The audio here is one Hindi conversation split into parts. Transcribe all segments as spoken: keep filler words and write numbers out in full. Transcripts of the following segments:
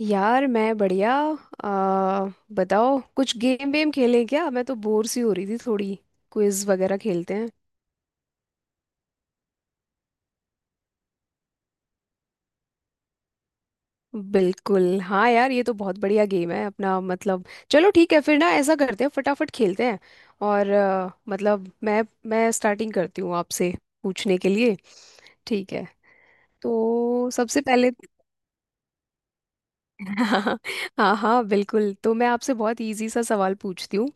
यार, मैं बढ़िया। आ, बताओ कुछ गेम वेम खेलें क्या? मैं तो बोर सी हो रही थी थोड़ी। क्विज वगैरह खेलते हैं। बिल्कुल हाँ यार, ये तो बहुत बढ़िया गेम है अपना। मतलब चलो ठीक है फिर ना, ऐसा करते हैं फटाफट खेलते हैं। और अ, मतलब मैं मैं स्टार्टिंग करती हूँ आपसे पूछने के लिए। ठीक है, तो सबसे पहले। हाँ, हाँ हाँ, बिल्कुल। तो मैं आपसे बहुत इजी सा सवाल पूछती हूँ।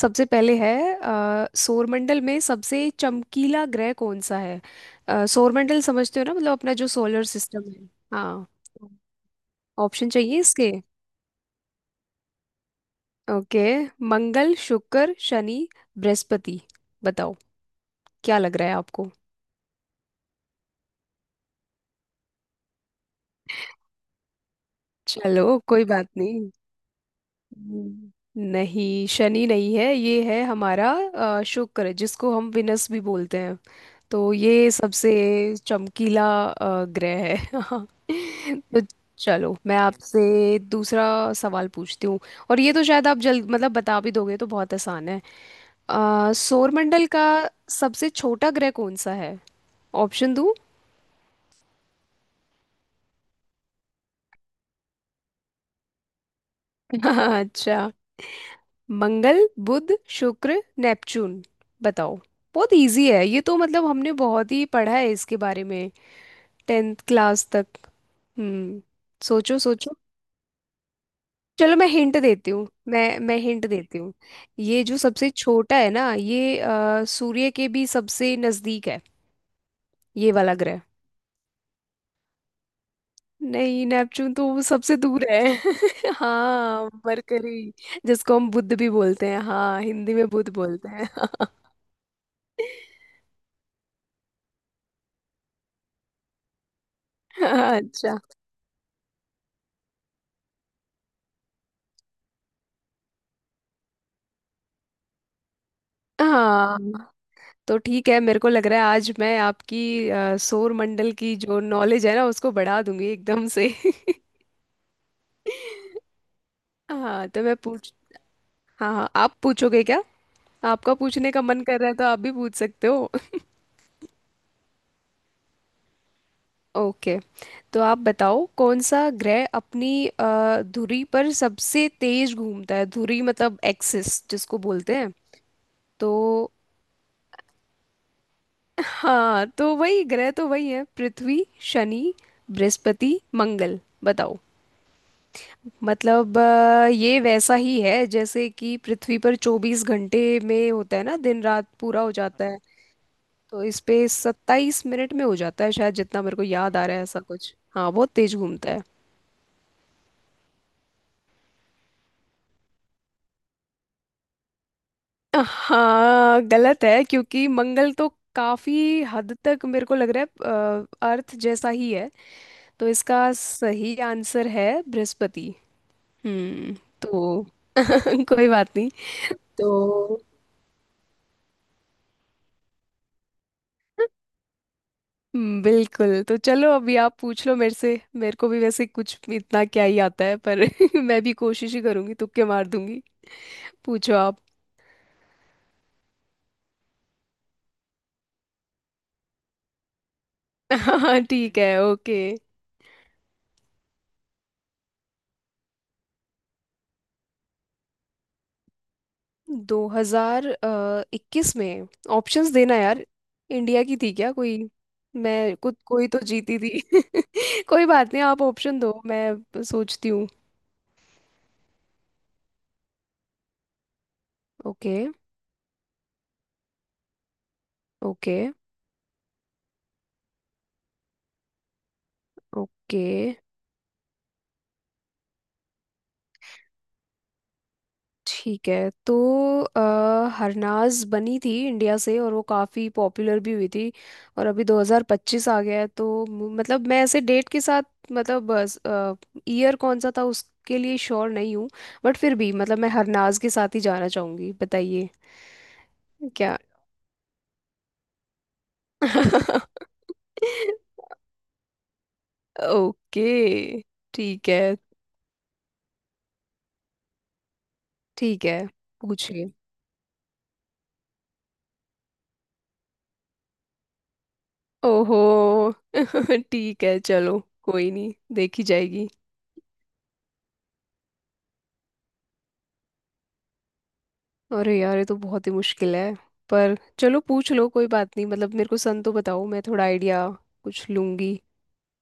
सबसे पहले है अ, सौरमंडल में सबसे चमकीला ग्रह कौन सा है? अ, सौरमंडल समझते हो ना, मतलब अपना जो सोलर सिस्टम है। हाँ, ऑप्शन चाहिए इसके। ओके, मंगल, शुक्र, शनि, बृहस्पति। बताओ, क्या लग रहा है आपको? चलो, कोई बात नहीं। हम्म। नहीं, शनि नहीं है। ये है हमारा अ, शुक्र, जिसको हम विनस भी बोलते हैं। तो ये सबसे चमकीला अ, ग्रह है। हाँ। तो चलो मैं आपसे दूसरा सवाल पूछती हूँ। और ये तो शायद आप जल्द, मतलब बता भी दोगे, तो बहुत आसान है। अ, सौरमंडल का सबसे छोटा ग्रह कौन सा है? ऑप्शन दूँ? अच्छा। मंगल, बुध, शुक्र, नेपच्यून। बताओ। बहुत इजी है ये तो, मतलब हमने बहुत ही पढ़ा है इसके बारे में टेंथ क्लास तक। हम्म। सोचो, सोचो। चलो, मैं हिंट देती हूँ, मैं मैं हिंट देती हूँ। ये जो सबसे छोटा है ना, ये अ, सूर्य के भी सबसे नजदीक है, ये वाला ग्रह। नहीं, नेपच्यून तो वो सबसे दूर है। हाँ, मरकरी, जिसको हम बुध भी बोलते हैं। हाँ, हिंदी में बुध बोलते हैं। अच्छा। हाँ, तो ठीक है। मेरे को लग रहा है आज मैं आपकी अ, सौर मंडल की जो नॉलेज है ना उसको बढ़ा दूंगी एकदम से। हाँ, तो मैं पूछ। हाँ हाँ, आप पूछोगे क्या? आपका पूछने का मन कर रहा है तो आप भी पूछ सकते हो। ओके। तो आप बताओ, कौन सा ग्रह अपनी अ, धुरी पर सबसे तेज घूमता है? धुरी मतलब एक्सिस जिसको बोलते हैं। तो हाँ, तो वही ग्रह। तो वही है, पृथ्वी, शनि, बृहस्पति, मंगल। बताओ। मतलब अ, ये वैसा ही है जैसे कि पृथ्वी पर चौबीस घंटे में होता है ना, दिन रात पूरा हो जाता है। तो इस पे सत्ताईस मिनट में हो जाता है शायद, जितना मेरे को याद आ रहा है, ऐसा कुछ। हाँ, बहुत तेज घूमता है। हाँ गलत है क्योंकि मंगल तो काफी हद तक मेरे को लग रहा है अ, अर्थ जैसा ही है। तो इसका सही आंसर है बृहस्पति। हम्म। तो कोई बात नहीं। तो हम्म, बिल्कुल। तो चलो, अभी आप पूछ लो मेरे से। मेरे को भी वैसे कुछ इतना क्या ही आता है पर मैं भी कोशिश ही करूंगी, तुक्के मार दूंगी। पूछो आप। हाँ ठीक है ओके। दो हजार इक्कीस में ऑप्शंस देना यार। इंडिया की थी क्या कोई? मैं कुछ, कोई तो जीती थी। कोई बात नहीं, आप ऑप्शन दो, मैं सोचती हूँ। ओके। ओके। ओके। ठीक है तो अ, हरनाज बनी थी इंडिया से, और वो काफ़ी पॉपुलर भी हुई थी। और अभी दो हज़ार पच्चीस आ गया है, तो मु- मतलब मैं ऐसे डेट के साथ, मतलब ईयर कौन सा था उसके लिए श्योर नहीं हूँ, बट फिर भी मतलब मैं हरनाज के साथ ही जाना चाहूँगी। बताइए। क्या? ओके। ठीक है, ठीक है, पूछिए। ओहो। ठीक है चलो, कोई नहीं, देखी जाएगी। अरे यार, ये तो बहुत ही मुश्किल है, पर चलो पूछ लो, कोई बात नहीं। मतलब मेरे को सन तो बताओ, मैं थोड़ा आइडिया कुछ लूंगी,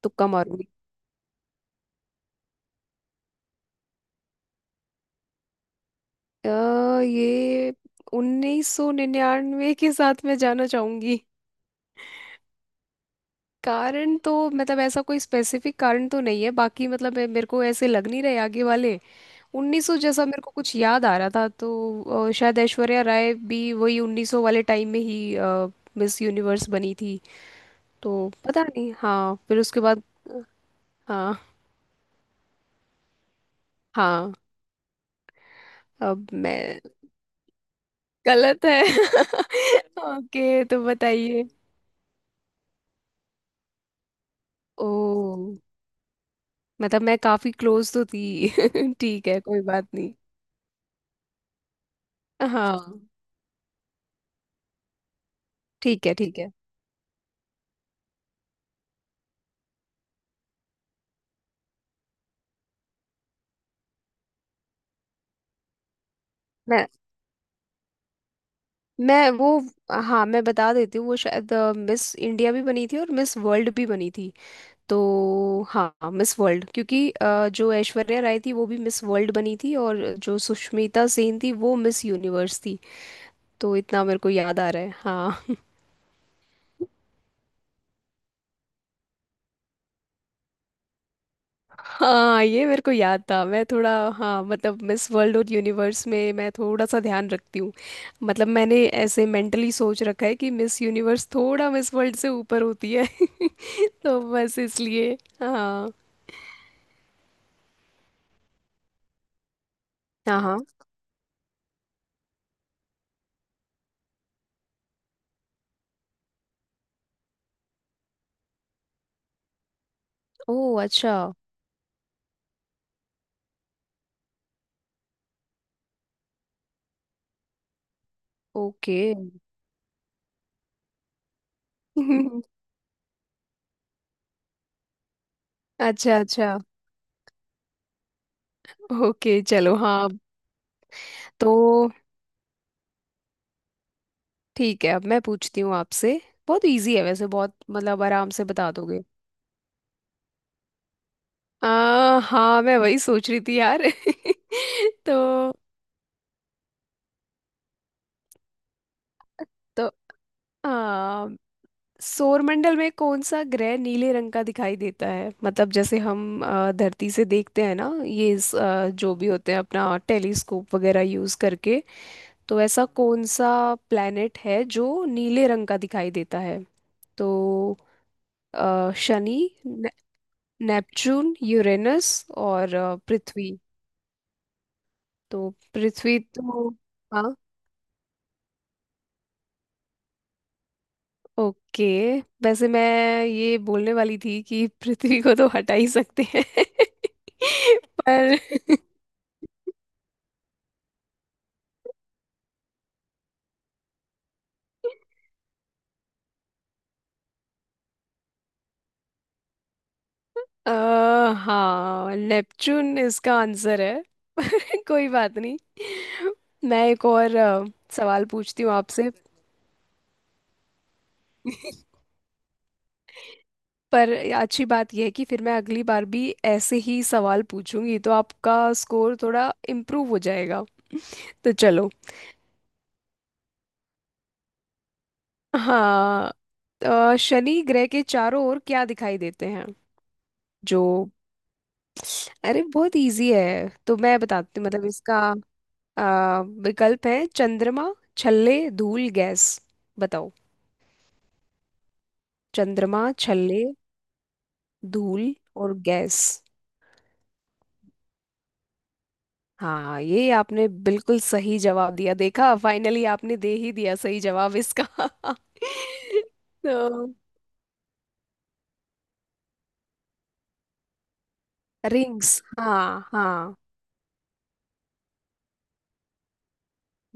तुक्का मारूंगी। अ, ये उन्नीस सौ निन्यानवे के साथ मैं जाना चाहूंगी। कारण तो मतलब ऐसा कोई स्पेसिफिक कारण तो नहीं है, बाकी मतलब मे- मेरे को ऐसे लग नहीं रहे आगे वाले। उन्नीस सौ जैसा मेरे को कुछ याद आ रहा था, तो अ, शायद ऐश्वर्या राय भी वही उन्नीस सौ वाले टाइम में ही मिस यूनिवर्स बनी थी। तो पता नहीं। हाँ फिर उसके बाद। हाँ हाँ। अब मैं। गलत है। ओके, तो बताइए। ओ। मतलब मैं काफी क्लोज तो थी। ठीक है, कोई बात नहीं। हाँ ठीक है, ठीक है। मैं मैं वो हाँ, मैं बता देती हूँ। वो शायद मिस इंडिया भी बनी थी और मिस वर्ल्ड भी बनी थी। तो हाँ, मिस वर्ल्ड, क्योंकि अ, जो ऐश्वर्या राय थी वो भी मिस वर्ल्ड बनी थी, और जो सुष्मिता सेन थी वो मिस यूनिवर्स थी। तो इतना मेरे को याद आ रहा है। हाँ। हाँ, ये मेरे को याद था। मैं थोड़ा, हाँ मतलब मिस वर्ल्ड और यूनिवर्स में मैं थोड़ा सा ध्यान रखती हूँ। मतलब मैंने ऐसे मेंटली सोच रखा है कि मिस यूनिवर्स थोड़ा मिस वर्ल्ड से ऊपर होती है। तो बस इसलिए। हाँ हाँ हाँ। ओ अच्छा। ओके। अच्छा, अच्छा। ओके, चलो हाँ। तो ठीक है, अब मैं पूछती हूँ आपसे। बहुत इजी है वैसे, बहुत, मतलब आराम से बता दोगे। आ, हाँ, मैं वही सोच रही थी यार। तो तो आ, सौरमंडल में कौन सा ग्रह नीले रंग का दिखाई देता है? मतलब जैसे हम अ, धरती से देखते हैं ना ये इस, अ, जो भी होते हैं अपना टेलीस्कोप वगैरह यूज करके। तो ऐसा कौन सा प्लेनेट है जो नीले रंग का दिखाई देता है? तो अ, शनि, ने, नेपच्यून, यूरेनस, और अ, पृथ्वी। तो पृथ्वी तो, हाँ ओके। वैसे मैं ये बोलने वाली थी कि पृथ्वी को तो हटा ही सकते हैं। पर अ, हाँ, नेपच्यून इसका आंसर है। कोई बात नहीं। मैं एक और अ, सवाल पूछती हूँ आपसे। पर अच्छी बात यह है कि फिर मैं अगली बार भी ऐसे ही सवाल पूछूंगी तो आपका स्कोर थोड़ा इम्प्रूव हो जाएगा। तो चलो। हाँ। अ, शनि ग्रह के चारों ओर क्या दिखाई देते हैं? जो, अरे बहुत इजी है, तो मैं बताती हूँ, मतलब इसका अ, विकल्प है: चंद्रमा, छल्ले, धूल, गैस। बताओ। चंद्रमा, छल्ले, धूल और गैस। हाँ, ये आपने बिल्कुल सही जवाब दिया। देखा, फाइनली आपने दे ही दिया सही जवाब इसका। तो रिंग्स, हाँ हाँ।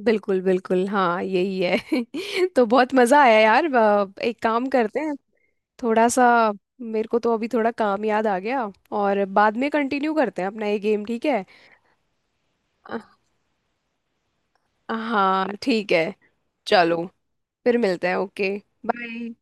बिल्कुल बिल्कुल, हाँ यही है। तो बहुत मज़ा आया यार। अ, एक काम करते हैं, थोड़ा सा, मेरे को तो अभी थोड़ा काम याद आ गया, और बाद में कंटिन्यू करते हैं अपना ये गेम, ठीक है? अ- हाँ ठीक है, चलो, फिर मिलते हैं। Okay, bye.